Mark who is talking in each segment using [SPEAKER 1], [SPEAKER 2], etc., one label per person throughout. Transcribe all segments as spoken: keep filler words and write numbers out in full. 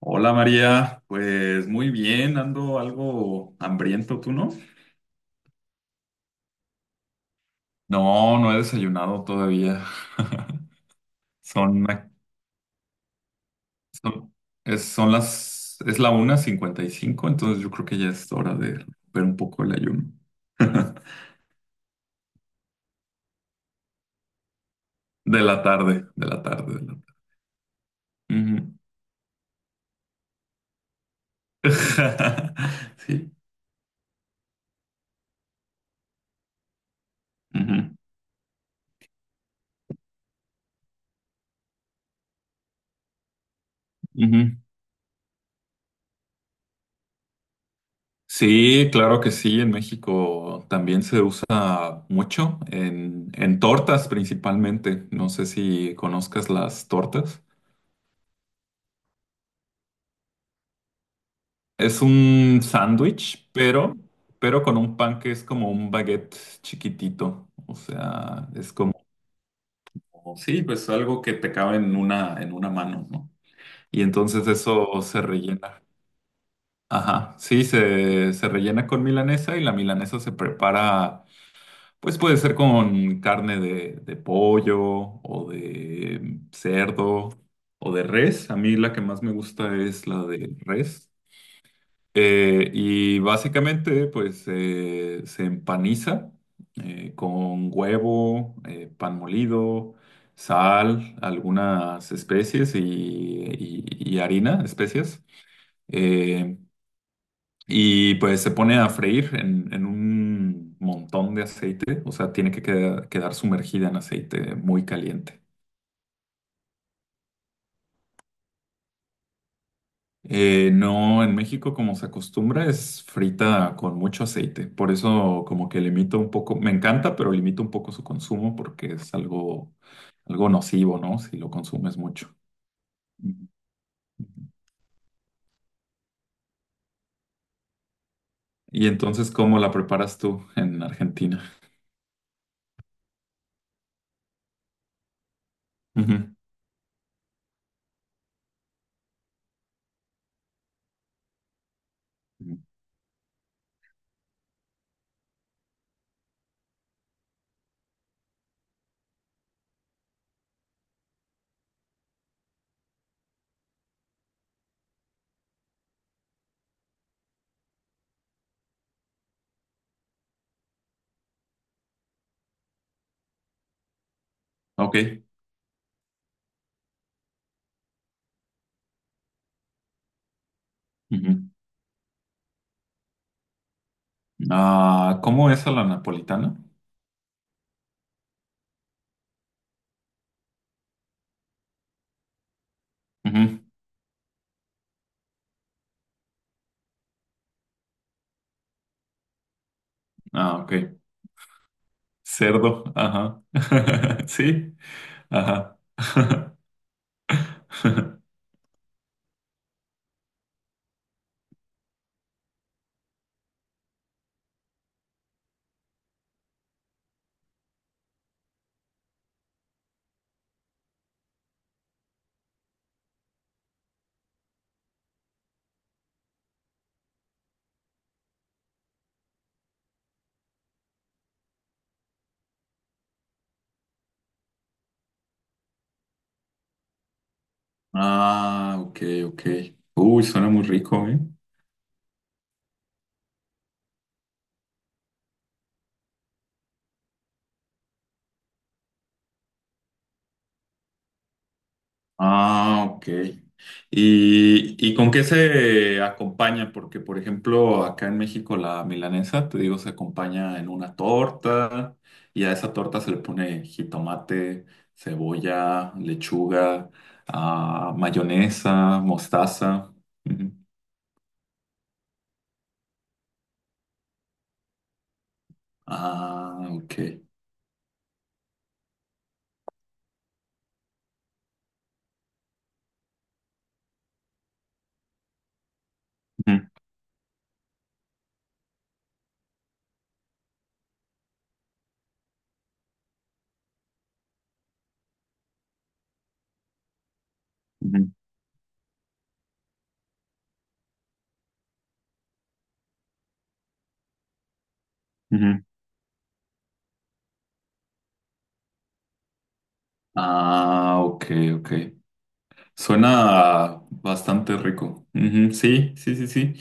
[SPEAKER 1] Hola María, pues muy bien, ando algo hambriento, ¿tú no? No, no he desayunado todavía. Son, la- son, es, Son las, es la una cincuenta y cinco, entonces yo creo que ya es hora de romper un poco el ayuno. De la tarde, de la tarde, de la tarde. Ujú. Sí. Ujú, ujú. Sí, claro que sí, en México también se usa mucho, en, en tortas principalmente. No sé si conozcas las tortas. Es un sándwich, pero, pero con un pan que es como un baguette chiquitito. O sea, es como, sí, pues algo que te cabe en una, en una mano, ¿no? Y entonces eso se rellena. Ajá, sí, se, se rellena con milanesa y la milanesa se prepara. Pues puede ser con carne de, de pollo o de cerdo o de res. A mí la que más me gusta es la de res. Eh, y básicamente pues eh, se empaniza eh, con huevo, eh, pan molido, sal, algunas especies y, y- y harina, especias. Eh, y pues se pone a freír en, en un montón de aceite, o sea, tiene que queda- quedar sumergida en aceite muy caliente. Eh, no, en México como se acostumbra es frita con mucho aceite, por eso como que limito un poco, me encanta, pero limito un poco su consumo porque es algo, algo nocivo, ¿no? Si lo consumes mucho. Ujú. Y entonces, ¿cómo la preparas tú en Argentina? Ujú. Ujú. Ok. Ujú. Ah, ¿cómo es a la napolitana? Ujú. Ah, ok. Cerdo, ajá. Sí, ajá. Ah, ok, ok. Uy, suena muy rico, ¿eh? Ah, ok. ¿Y, y con qué se acompaña? Porque, por ejemplo, acá en México la milanesa, te digo, se acompaña en una torta y a esa torta se le pone jitomate, cebolla, lechuga, ah, mayonesa, mostaza. Ujú. Ah, ok. Ujú, ujú. Ujú. Ah, ok, ok. Suena bastante rico. Ujú, sí, sí, sí, sí.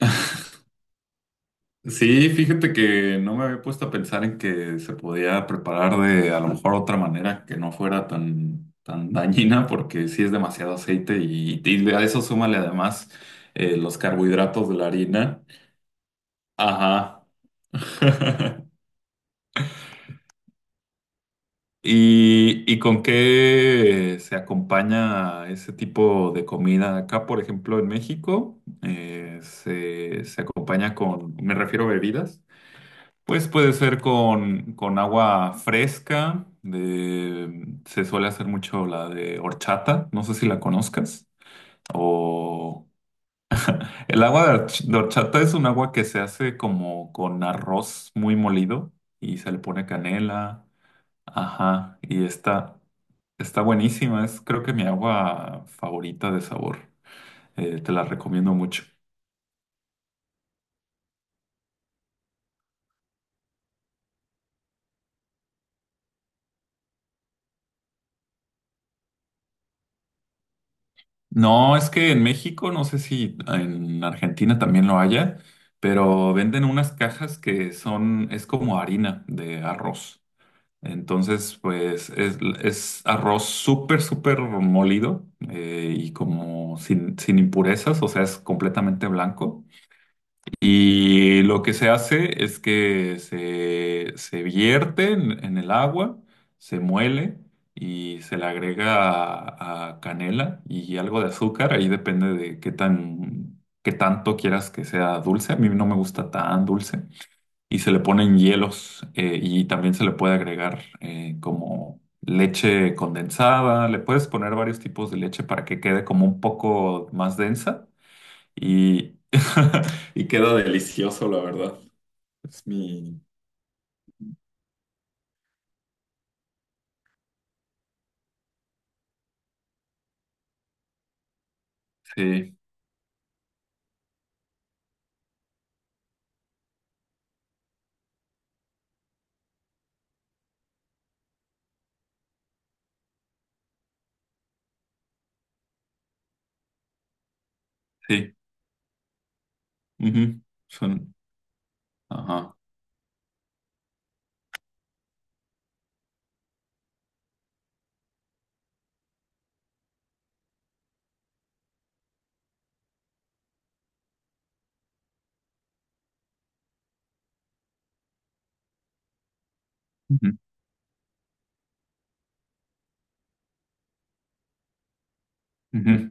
[SPEAKER 1] Sí, fíjate que no me había puesto a pensar en que se podía preparar de a lo mejor otra manera que no fuera tan, tan dañina, porque sí es demasiado aceite y, y a eso súmale además eh, los carbohidratos de la harina. Ajá. ¿Y, y con qué se acompaña ese tipo de comida? Acá, por ejemplo, en México, eh, se, se acompaña con, me refiero a bebidas, pues puede ser con, con agua fresca, de, se suele hacer mucho la de horchata, no sé si la conozcas, o el agua de horch- de horchata es un agua que se hace como con arroz muy molido y se le pone canela, ajá, y está... Está buenísima, es creo que mi agua favorita de sabor. Eh, te la recomiendo mucho. No, es que en México, no sé si en Argentina también lo haya, pero venden unas cajas que son, es como harina de arroz. Entonces, pues es, es arroz súper, súper molido eh, y como sin, sin impurezas, o sea, es completamente blanco. Y lo que se hace es que se, se vierte en, en el agua, se muele y se le agrega a, a canela y algo de azúcar. Ahí depende de qué tan, qué tanto quieras que sea dulce. A mí no me gusta tan dulce. Y se le ponen hielos eh, y también se le puede agregar eh, como leche condensada. Le puedes poner varios tipos de leche para que quede como un poco más densa y, y queda delicioso, la verdad. Es mi... Sí, sí. Ujú, son... Ajá. Ujú, ujú,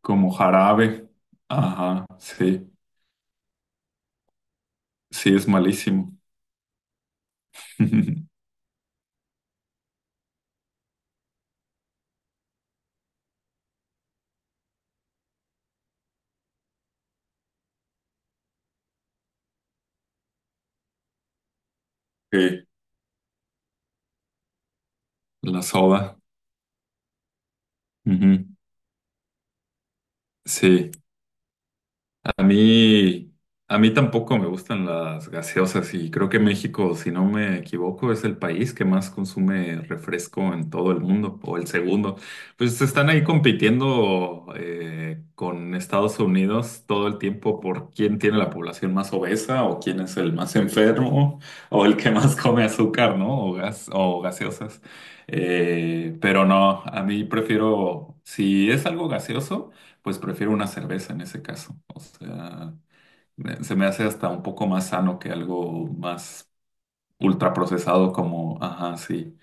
[SPEAKER 1] como jarabe. Ajá, sí. Sí, es malísimo. Sí, la soda. Ujú, sí. A mí, a mí tampoco me gustan las gaseosas y creo que México, si no me equivoco, es el país que más consume refresco en todo el mundo, o el segundo. Pues están ahí compitiendo eh, con Estados Unidos todo el tiempo por quién tiene la población más obesa o quién es el más enfermo o el que más come azúcar, ¿no? O gas, o gaseosas. Eh, pero no, a mí prefiero, si es algo gaseoso. Pues prefiero una cerveza en ese caso. O sea, me- se me hace hasta un poco más sano que algo más ultraprocesado como, ajá, sí.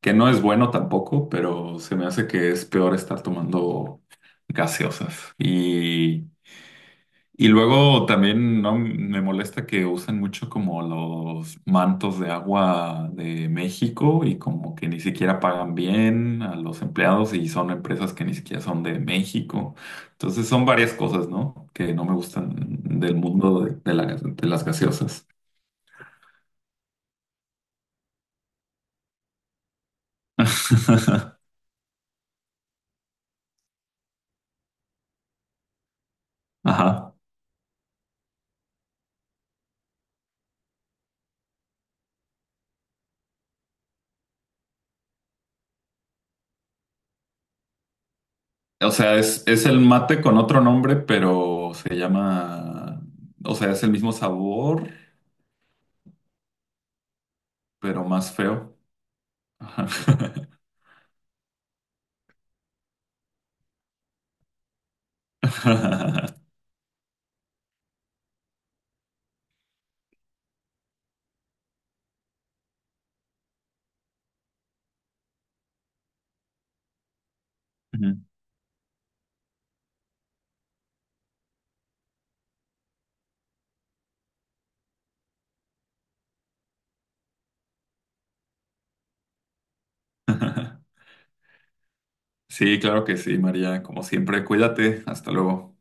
[SPEAKER 1] Que no es bueno tampoco, pero se me hace que es peor estar tomando gaseosas. Y y luego también no me molesta que usan mucho como los mantos de agua de México y como que ni siquiera pagan bien a los empleados y son empresas que ni siquiera son de México. Entonces son varias cosas, ¿no? Que no me gustan del mundo de, de la- de las gaseosas. Ajá. O sea, es, es el mate con otro nombre, pero se llama, o sea, es el mismo sabor, pero más feo. Ajá. Sí, claro que sí, María. Como siempre, cuídate. Hasta luego.